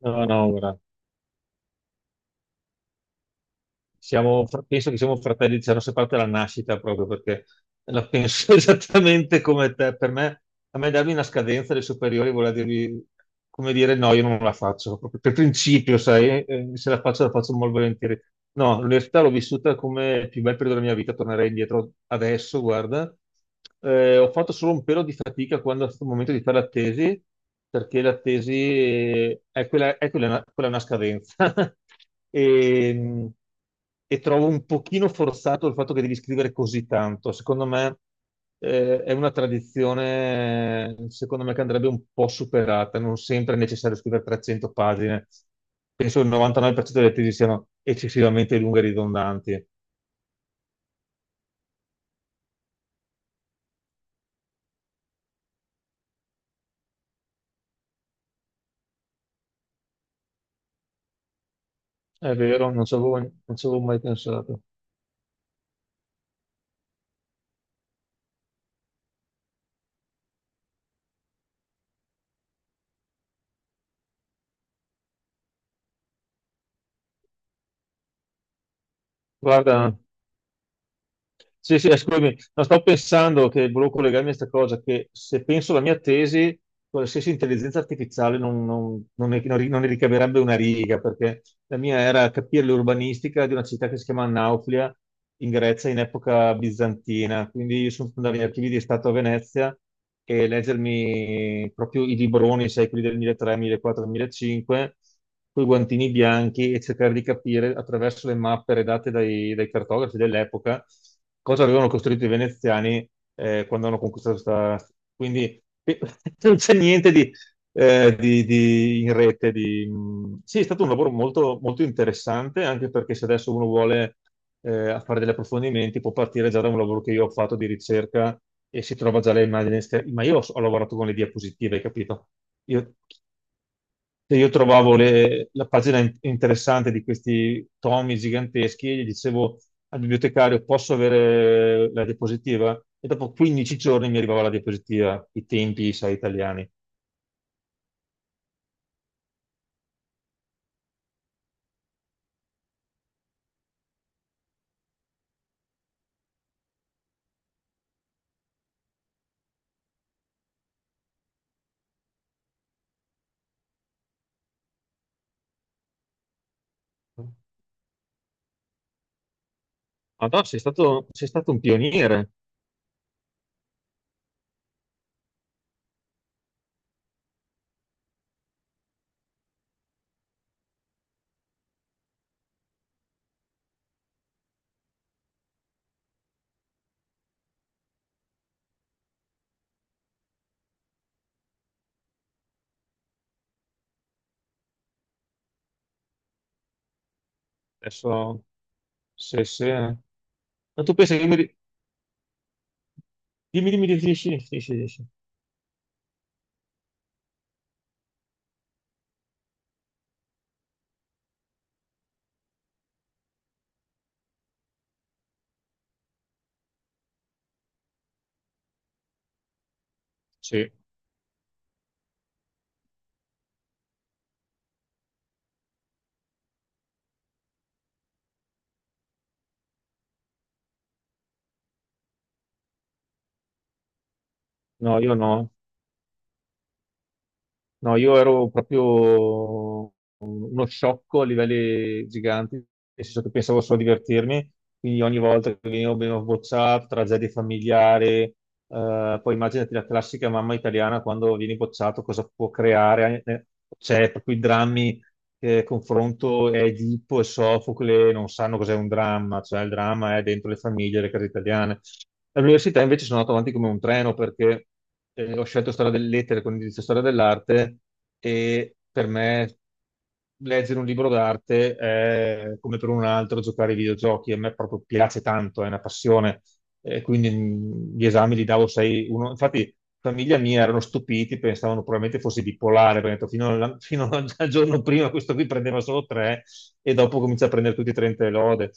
No, no, guarda, penso che siamo fratelli, ci hanno separati dalla nascita proprio perché la penso esattamente come te. Per me, a me darmi una scadenza dei superiori vuol dirmi, come dire, no, io non la faccio, proprio per principio, sai, se la faccio la faccio molto volentieri. No, l'università l'ho vissuta come il più bel periodo della mia vita, tornerei indietro adesso, guarda. Ho fatto solo un pelo di fatica quando è stato il momento di fare la tesi, perché la tesi è quella, quella è una scadenza. E, e trovo un pochino forzato il fatto che devi scrivere così tanto. Secondo me, è una tradizione, secondo me, che andrebbe un po' superata. Non sempre è necessario scrivere 300 pagine. Penso che il 99% delle tesi siano eccessivamente lunghe e ridondanti. È vero, non ci avevo mai pensato. Guarda, sì, sì, scusami, no, stavo pensando che volevo collegarmi a questa cosa, che se penso alla mia tesi, qualsiasi intelligenza artificiale non ne ricaverebbe una riga, perché la mia era capire l'urbanistica di una città che si chiama Nauplia, in Grecia, in epoca bizantina. Quindi io sono andato agli archivi di Stato a Venezia e leggermi proprio i libroni, sai, quelli del 1300, 1400, 1500, con i guantini bianchi e cercare di capire attraverso le mappe redatte dai cartografi dell'epoca cosa avevano costruito i veneziani quando hanno conquistato questa... Quindi non c'è niente di, in rete. Di... Sì, è stato un lavoro molto, molto interessante, anche perché se adesso uno vuole fare degli approfondimenti può partire già da un lavoro che io ho fatto di ricerca e si trova già le immagini, ma io ho lavorato con le diapositive, hai capito? Io Io trovavo la pagina interessante di questi tomi giganteschi e gli dicevo al bibliotecario: Posso avere la diapositiva? E dopo 15 giorni mi arrivava la diapositiva, i tempi, sai, italiani. Ma no, sei stato un pioniere. Adesso, se.... Ma tu pensi che dimmi, sì, sì. No, io no. No, io ero proprio uno sciocco a livelli giganti, nel senso che pensavo solo a divertirmi, quindi ogni volta che venivo bocciato, tragedie familiari, poi immaginati la classica mamma italiana quando vieni bocciato, cosa può creare, cioè proprio i drammi che confronto è Edipo e Sofocle non sanno cos'è un dramma, cioè il dramma è dentro le famiglie, le case italiane. All'università invece sono andato avanti come un treno perché ho scelto storia delle lettere con indirizzo storia dell'arte e per me leggere un libro d'arte è come per un altro giocare ai videogiochi, a me proprio piace tanto, è una passione e quindi gli esami li davo 6, 1. Infatti, famiglia mia erano stupiti, pensavano probabilmente fossi bipolare, perché ho detto, fino al giorno prima questo qui prendeva solo 3 e dopo comincia a prendere tutti i 30 e lode.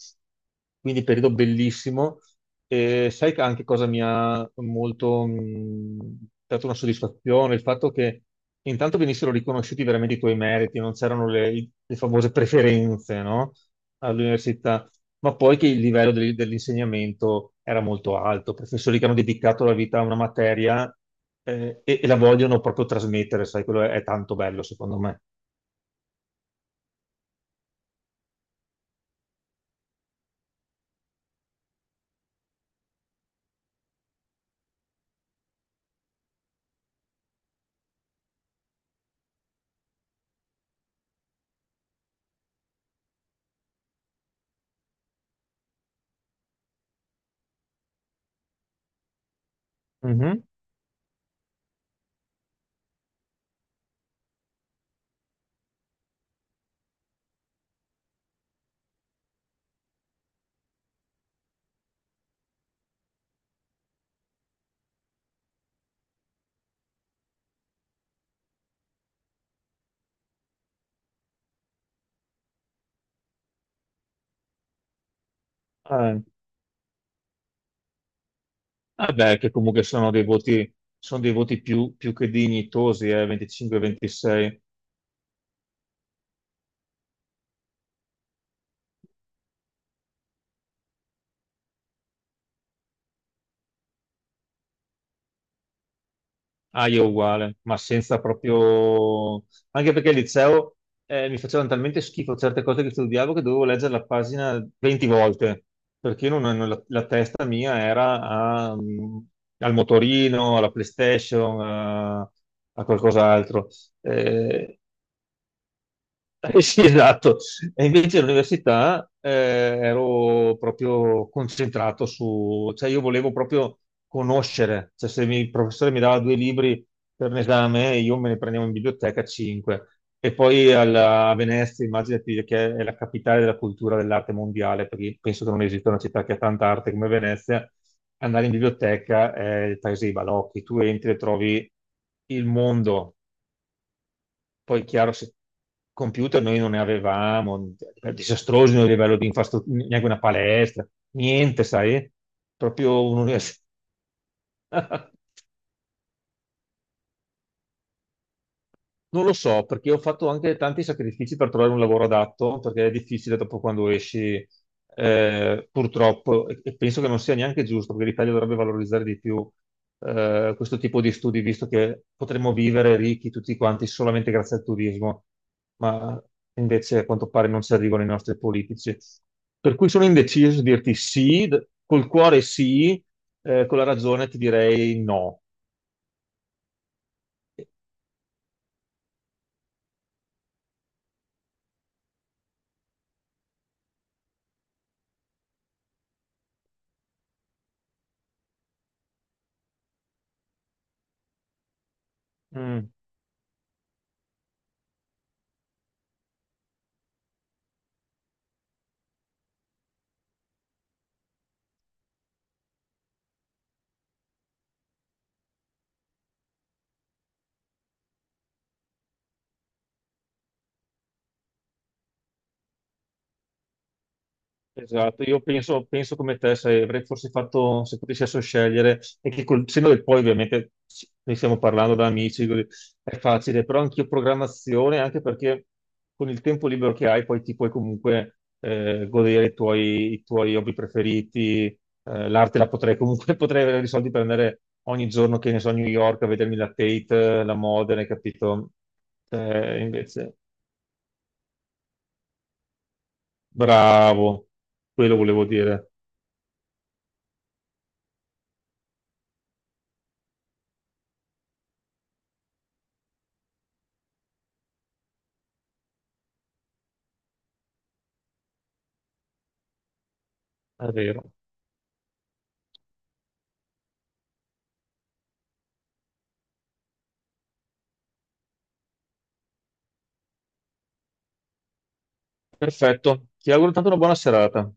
Quindi periodo bellissimo. E sai che anche cosa mi ha molto dato una soddisfazione? Il fatto che intanto venissero riconosciuti veramente i tuoi meriti, non c'erano le famose preferenze, no? All'università ma poi che il livello dell'insegnamento era molto alto, professori che hanno dedicato la vita a una materia e la vogliono proprio trasmettere, sai, quello è tanto bello secondo me. Mhm. Eh, vabbè, che comunque sono dei voti più che dignitosi, 25-26. Ah, io uguale, ma senza proprio... Anche perché al liceo mi facevano talmente schifo certe cose che studiavo che dovevo leggere la pagina 20 volte, perché io la testa mia era a, al motorino, alla PlayStation, a qualcos'altro. Eh, Sì, esatto. E invece all'università ero proprio concentrato su, cioè io volevo proprio conoscere, cioè se mi- il professore mi dava 2 libri per un esame, io me ne prendevo in biblioteca 5. E poi a Venezia, immaginati che è la capitale della cultura dell'arte mondiale, perché penso che non esista una città che ha tanta arte come Venezia, andare in biblioteca è il paese dei balocchi, tu entri e trovi il mondo poi, chiaro, se computer noi non ne avevamo, disastrosi a livello di infrastruttura, neanche una palestra, niente, sai? Proprio un'università. Non lo so, perché ho fatto anche tanti sacrifici per trovare un lavoro adatto, perché è difficile dopo quando esci, purtroppo, e penso che non sia neanche giusto, perché l'Italia dovrebbe valorizzare di più questo tipo di studi, visto che potremmo vivere ricchi tutti quanti solamente grazie al turismo, ma invece a quanto pare non ci arrivano i nostri politici. Per cui sono indeciso a dirti sì, col cuore sì, con la ragione ti direi no. Mm. Esatto, io penso, penso come te, se avrei forse fatto, se potessi adesso scegliere, e che col senno del poi ovviamente ne stiamo parlando da amici, così, è facile, però anch'io programmazione, anche perché con il tempo libero che hai poi ti puoi comunque godere i tuoi hobby preferiti, l'arte la potrei comunque, potrei avere i soldi per andare ogni giorno, che ne so, a New York a vedermi la Tate, la Modena, hai capito? Invece, bravo, quello volevo dire, è vero. Perfetto, ti auguro tanto una buona serata.